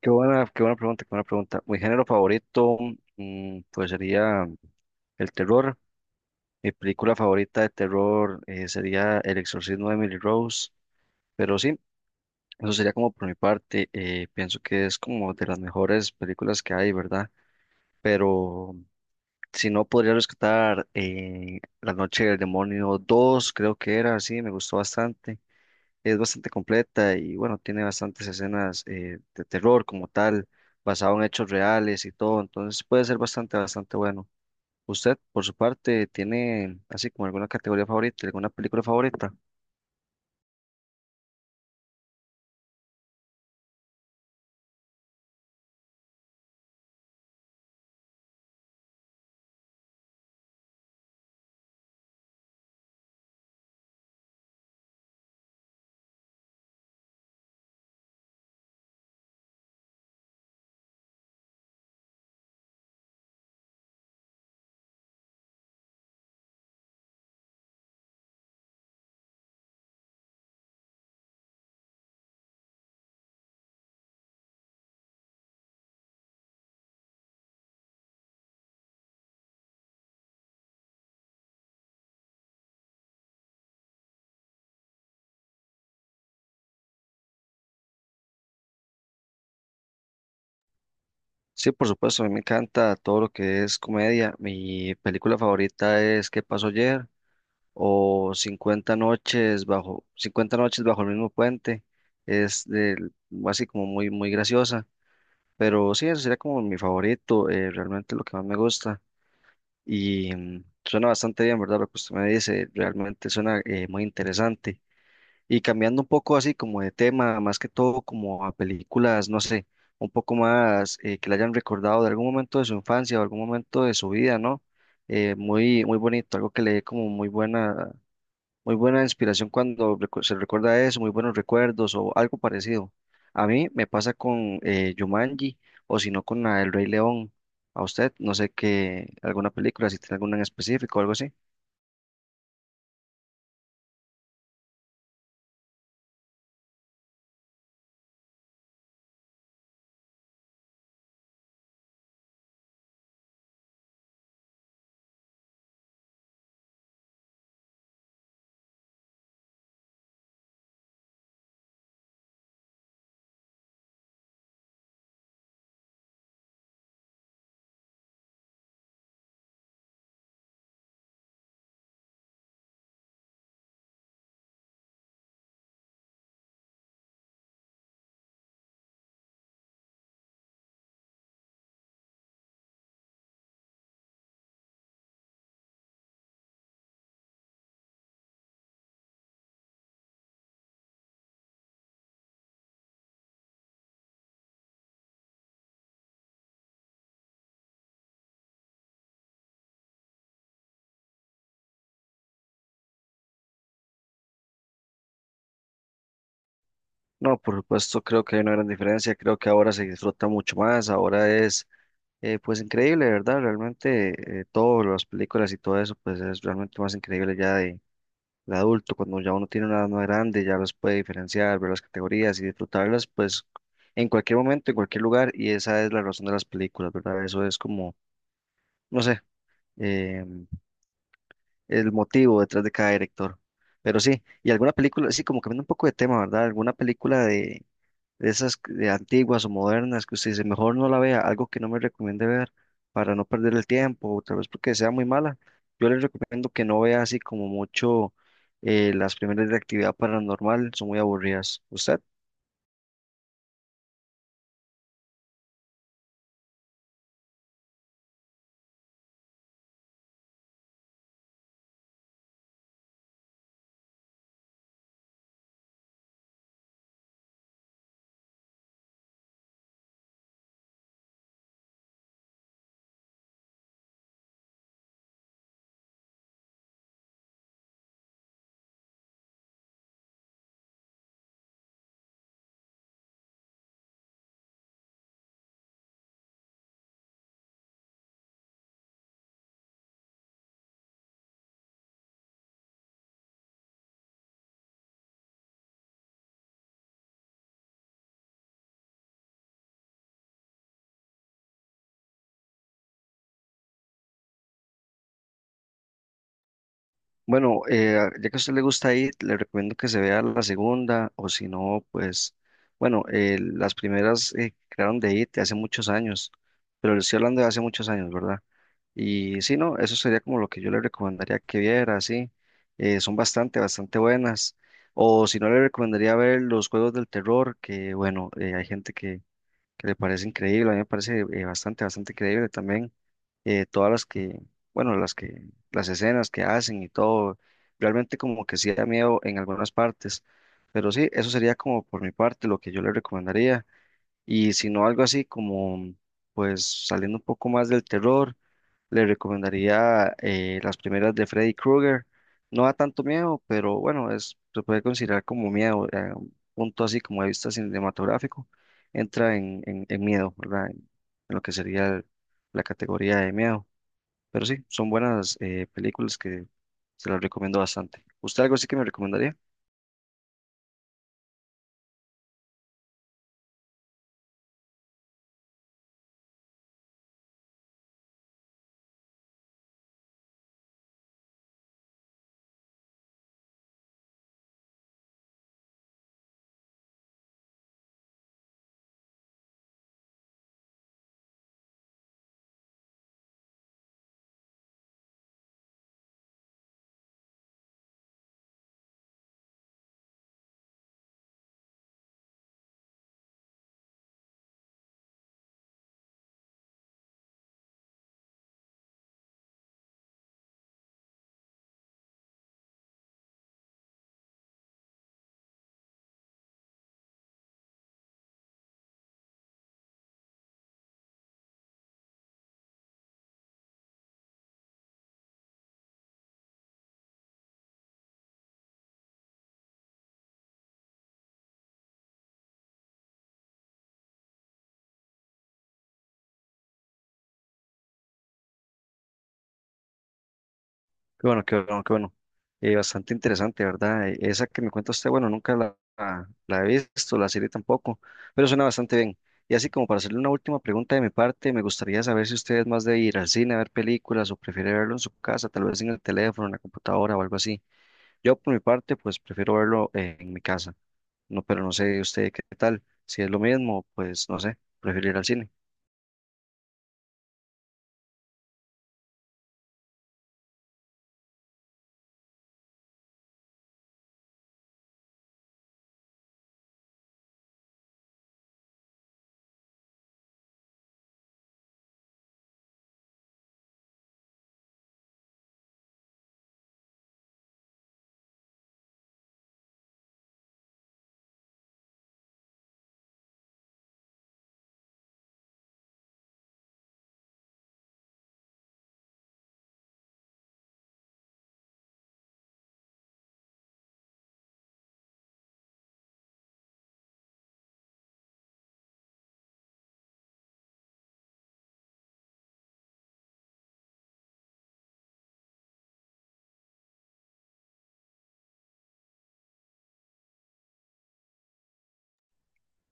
Qué buena pregunta, qué buena pregunta. Mi género favorito, pues sería el terror. Mi película favorita de terror sería El Exorcismo de Emily Rose. Pero sí, eso sería como por mi parte. Pienso que es como de las mejores películas que hay, ¿verdad? Pero si no, podría rescatar La Noche del Demonio dos, creo que era, sí, me gustó bastante, es bastante completa y bueno, tiene bastantes escenas de terror como tal, basado en hechos reales y todo, entonces puede ser bastante, bastante bueno. ¿Usted, por su parte, tiene así como alguna categoría favorita, alguna película favorita? Sí, por supuesto, a mí me encanta todo lo que es comedia. Mi película favorita es ¿Qué pasó ayer? O 50 noches bajo el mismo puente. Es del- Así como muy muy graciosa, pero sí, eso sería como mi favorito, realmente lo que más me gusta. Y suena bastante bien, ¿verdad? Lo que usted me dice realmente suena muy interesante. Y cambiando un poco así como de tema, más que todo como a películas, no sé, un poco más que le hayan recordado de algún momento de su infancia o algún momento de su vida, ¿no? Muy, muy bonito, algo que le dé como muy buena inspiración cuando se recuerda eso, muy buenos recuerdos o algo parecido. A mí me pasa con Jumanji o si no con la El Rey León. A usted, no sé qué, alguna película, si tiene alguna en específico o algo así. No, por supuesto, creo que hay una gran diferencia. Creo que ahora se disfruta mucho más. Ahora es, pues, increíble, ¿verdad? Realmente, todas las películas y todo eso, pues, es realmente más increíble ya de adulto, cuando ya uno tiene una edad más grande, ya los puede diferenciar, ver las categorías y disfrutarlas, pues en cualquier momento, en cualquier lugar, y esa es la razón de las películas, ¿verdad? Eso es como, no sé, eh, el motivo detrás de cada director. Pero sí, y alguna película, sí, como cambiando un poco de tema, ¿verdad? Alguna película de, de antiguas o modernas que usted dice, mejor no la vea, algo que no me recomiende ver para no perder el tiempo, o tal vez porque sea muy mala. Yo les recomiendo que no vea así como mucho las primeras de actividad paranormal, son muy aburridas. ¿Usted? Bueno, ya que a usted le gusta ir, le recomiendo que se vea la segunda, o si no, pues, bueno, las primeras que crearon de IT hace muchos años, pero le estoy hablando de hace muchos años, ¿verdad? Y sí, no, eso sería como lo que yo le recomendaría que viera, sí, son bastante, bastante buenas, o si no, le recomendaría ver los juegos del terror, que bueno, hay gente que le parece increíble, a mí me parece bastante, bastante creíble también todas las que, bueno, las que, las escenas que hacen y todo, realmente como que sí da miedo en algunas partes, pero sí, eso sería como por mi parte lo que yo le recomendaría, y si no algo así como, pues saliendo un poco más del terror, le recomendaría las primeras de Freddy Krueger. No da tanto miedo, pero bueno, es, se puede considerar como miedo, un punto así como de vista cinematográfico, entra en miedo, ¿verdad? En lo que sería la categoría de miedo. Pero sí, son buenas películas que se las recomiendo bastante. ¿Usted algo así que me recomendaría? Qué bueno, qué bueno, qué bueno. Bastante interesante, ¿verdad? Esa que me cuenta usted, bueno, nunca la he visto, la serie tampoco, pero suena bastante bien. Y así como para hacerle una última pregunta de mi parte, me gustaría saber si usted es más de ir al cine a ver películas o prefiere verlo en su casa, tal vez en el teléfono, en la computadora o algo así. Yo por mi parte, pues prefiero verlo en mi casa, no, pero no sé usted qué tal. Si es lo mismo, pues no sé, prefiero ir al cine.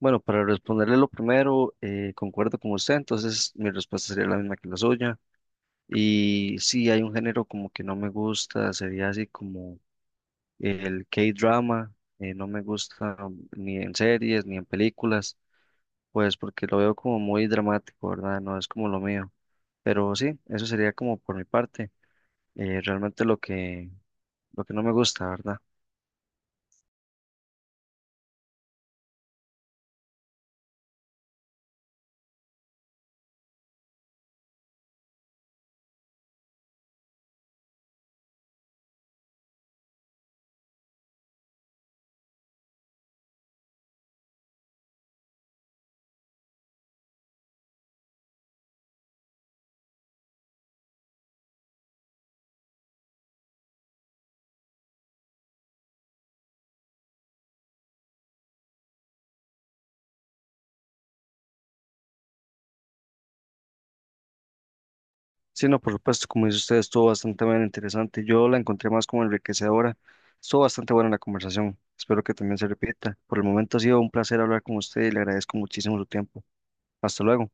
Bueno, para responderle lo primero, concuerdo con usted, entonces mi respuesta sería la misma que la suya. Y sí, hay un género como que no me gusta, sería así como el K-drama, no me gusta ni en series ni en películas, pues porque lo veo como muy dramático, ¿verdad? No es como lo mío. Pero sí, eso sería como por mi parte, realmente lo que no me gusta, ¿verdad? Sí, no, por supuesto, como dice usted, estuvo bastante bien interesante. Yo la encontré más como enriquecedora. Estuvo bastante buena la conversación. Espero que también se repita. Por el momento ha sido un placer hablar con usted y le agradezco muchísimo su tiempo. Hasta luego.